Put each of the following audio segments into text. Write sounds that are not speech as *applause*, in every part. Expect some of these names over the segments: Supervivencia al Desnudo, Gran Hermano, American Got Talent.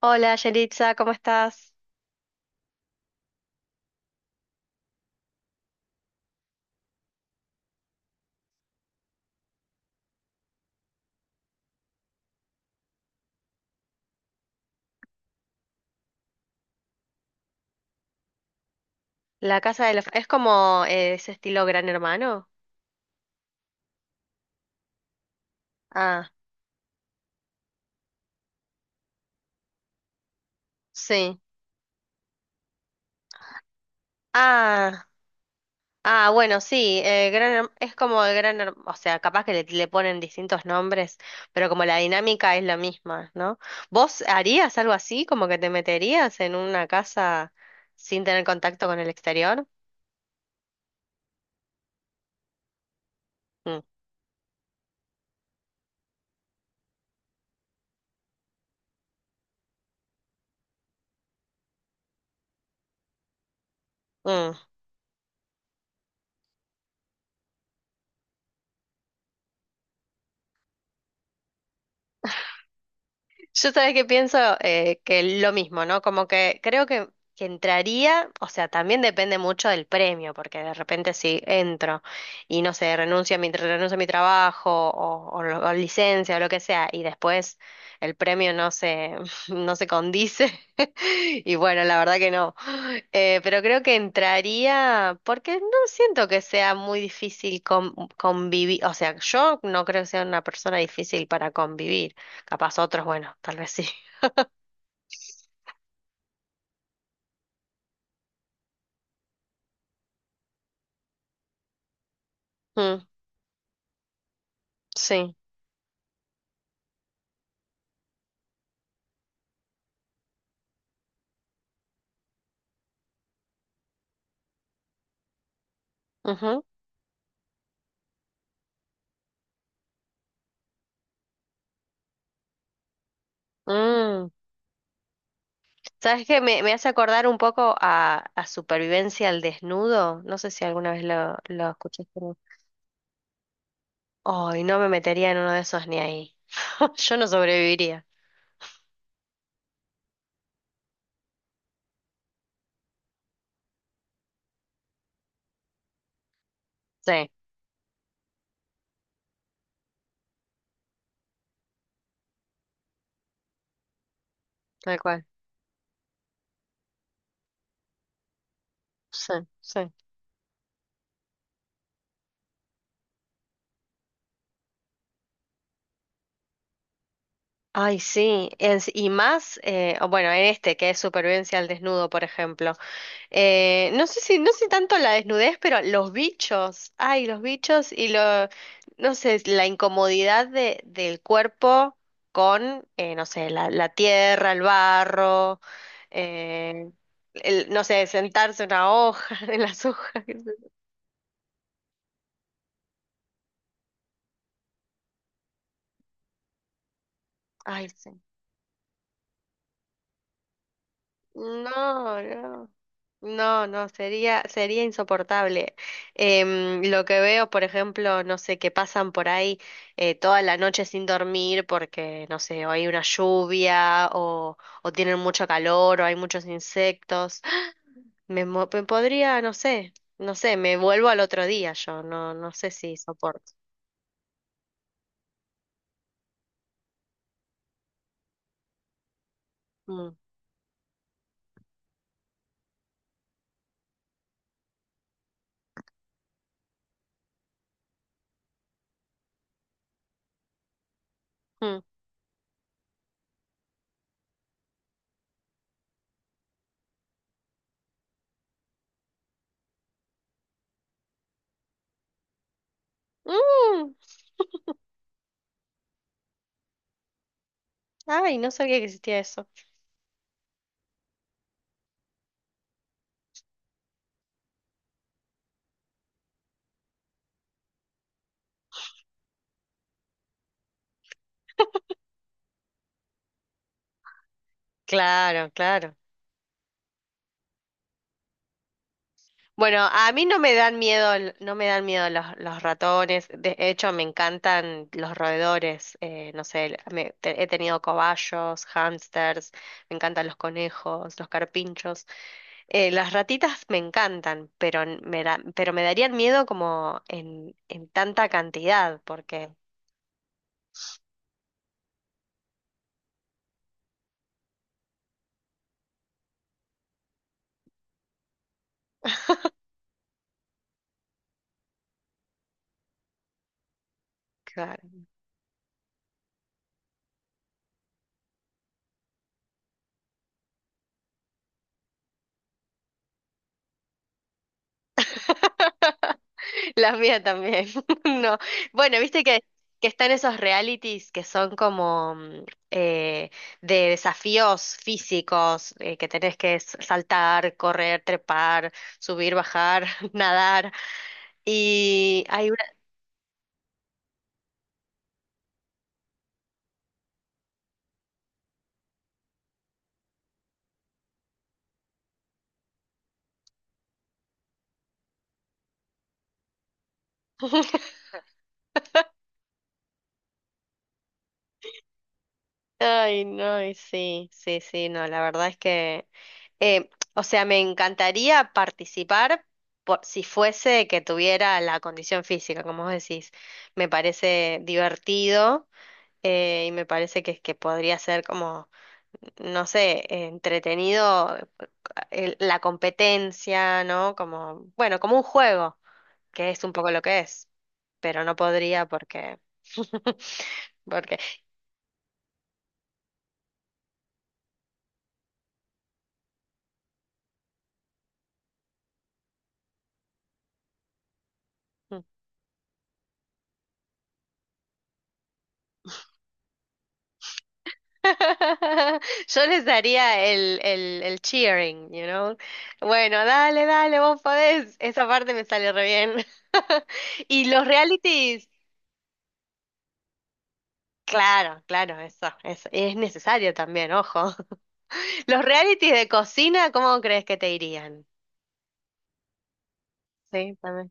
Hola, Yelitza, ¿cómo estás? La casa de los... ¿Es como ese estilo Gran Hermano? Ah, sí. Ah, bueno, sí, es como el Gran Hermano, o sea, capaz que le ponen distintos nombres, pero como la dinámica es la misma, ¿no? ¿Vos harías algo así, como que te meterías en una casa sin tener contacto con el exterior? Mm, mm. Yo sabes que pienso que lo mismo, ¿no? Como que creo que entraría, o sea, también depende mucho del premio, porque de repente si entro y no sé, renuncio a mi trabajo o licencia o lo que sea, y después el premio no se, *laughs* no se condice, *laughs* y bueno, la verdad que no. Pero creo que entraría, porque no siento que sea muy difícil convivir, o sea, yo no creo que sea una persona difícil para convivir. Capaz otros, bueno, tal vez sí. Mm, sí. Ujú. Mm. ¿Sabes qué? Me hace acordar un poco a Supervivencia al Desnudo. No sé si alguna vez lo escuchaste, ¿no? Ay, no me metería en uno de esos ni ahí. *laughs* Yo no sobreviviría. Sí, tal cual. Sí, sí. Ay, sí. Es- y más, o bueno, en este que es Supervivencia al Desnudo, por ejemplo. No sé tanto la desnudez, pero los bichos, ay, los bichos y lo, no sé, la incomodidad del cuerpo con, no sé, la tierra, el barro, eh, el, no sé, sentarse en una hoja, *laughs* en las hojas, qué sé yo. Ay, sí. No, no. No, no, sería insoportable. Lo que veo, por ejemplo, no sé, que pasan por ahí toda la noche sin dormir porque, no sé, o hay una lluvia o tienen mucho calor o hay muchos insectos. Me podría, no sé, no sé, me vuelvo al otro día yo, no, no sé si soporto. Mm, mm. Mm. Ay, no sabía que existía eso. Claro, claro. Bueno, a mí no me dan miedo, los ratones. De hecho, me encantan los roedores. No sé, el- me- te- he tenido cobayos, hámsters, me encantan los conejos, los carpinchos. Las ratitas me encantan, pero pero me darían miedo como en tanta cantidad, porque claro. *laughs* La mía también. *laughs* No. Bueno, viste que están esos realities que son como eh, de desafíos físicos, que tenés que saltar, correr, trepar, subir, bajar, *laughs* nadar. Y hay una... *laughs* Ay, no, y sí, sí, sí, no, la verdad es que... eh, o sea, me encantaría participar por, si fuese que tuviera la condición física, como vos decís. Me parece divertido. Y me parece que podría ser como, no sé, entretenido la competencia, ¿no? Como, bueno, como un juego, que es un poco lo que es, pero no podría porque, *laughs* porque *laughs* yo les daría el cheering, you know? Bueno, dale, dale, vos podés, esa parte me sale re bien. *laughs* Y los realities, claro, claro, eso, es necesario también, ojo. Los realities de cocina, ¿cómo crees que te irían? Sí, también.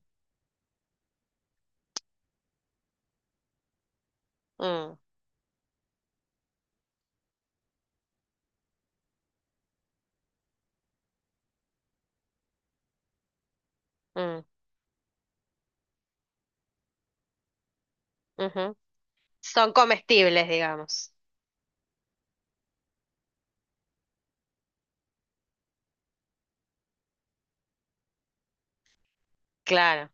Mm, mm, ujú. Son comestibles, digamos. Claro.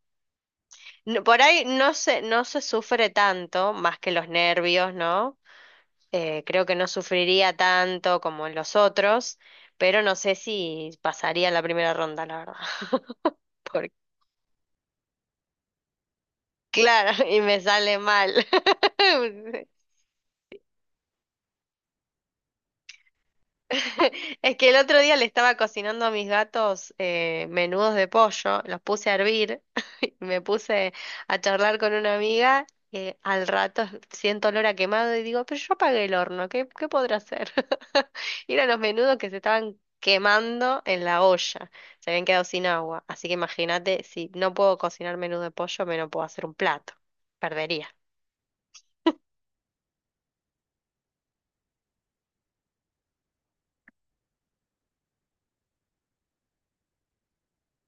No- por ahí no se, no se sufre tanto, más que los nervios, ¿no? Creo que no sufriría tanto como en los otros, pero no sé si pasaría la primera ronda, la verdad. *laughs* Por claro, y me sale mal. *laughs* Es que el otro día le estaba cocinando a mis gatos menudos de pollo, los puse a hervir. Me puse a charlar con una amiga, al rato siento olor a quemado y digo, pero yo apagué el horno, ¿qué podrá hacer? *laughs* Y eran los menudos que se estaban quemando en la olla, se habían quedado sin agua. Así que imagínate, si no puedo cocinar menudo de pollo, me no puedo hacer un plato, perdería.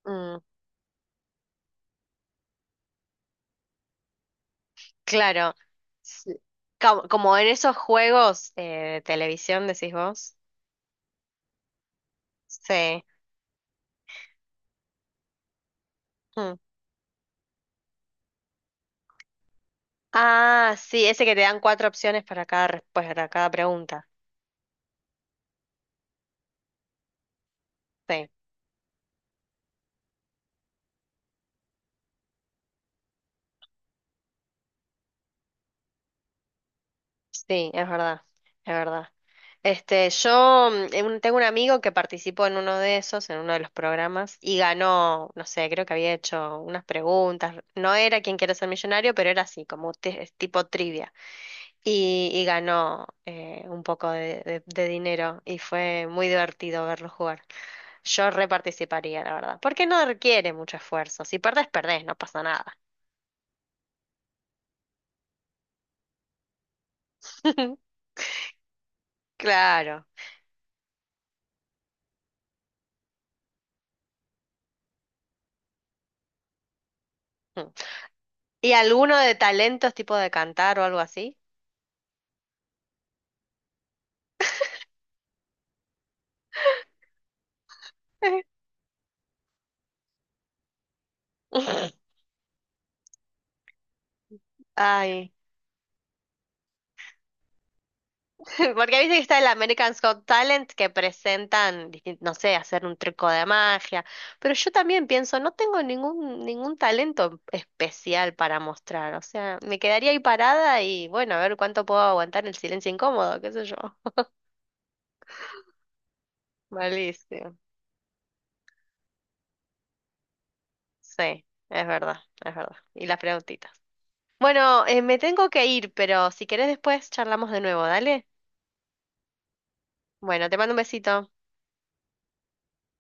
Mm, claro, sí. Como, como en esos juegos de televisión, decís vos. Sí. Mm. Ah, sí, ese que te dan cuatro opciones para cada, respuesta, para cada pregunta. Sí. Sí, es verdad, es verdad. Este, tengo un amigo que participó en uno de esos, en uno de los programas, y ganó, no sé, creo que había hecho unas preguntas. No era quien quiere Ser Millonario, pero era así, es tipo trivia. Y ganó un poco de, de dinero y fue muy divertido verlo jugar. Yo reparticiparía, la verdad, porque no requiere mucho esfuerzo. Si perdés, perdés, no pasa nada. *laughs* Claro. Mm. ¿Y alguno de talentos tipo de cantar o algo así? *laughs* Ay, *laughs* porque viste que está el American Got Talent que presentan, distin- no sé, hacer un truco de magia, pero yo también pienso, no tengo ningún talento especial para mostrar, o sea, me quedaría ahí parada y bueno, a ver cuánto puedo aguantar el silencio incómodo, qué sé yo. *laughs* Malísimo. Sí, es verdad, es verdad. Y las preguntitas. Bueno, me tengo que ir, pero si querés después charlamos de nuevo, dale. Bueno, te mando un besito.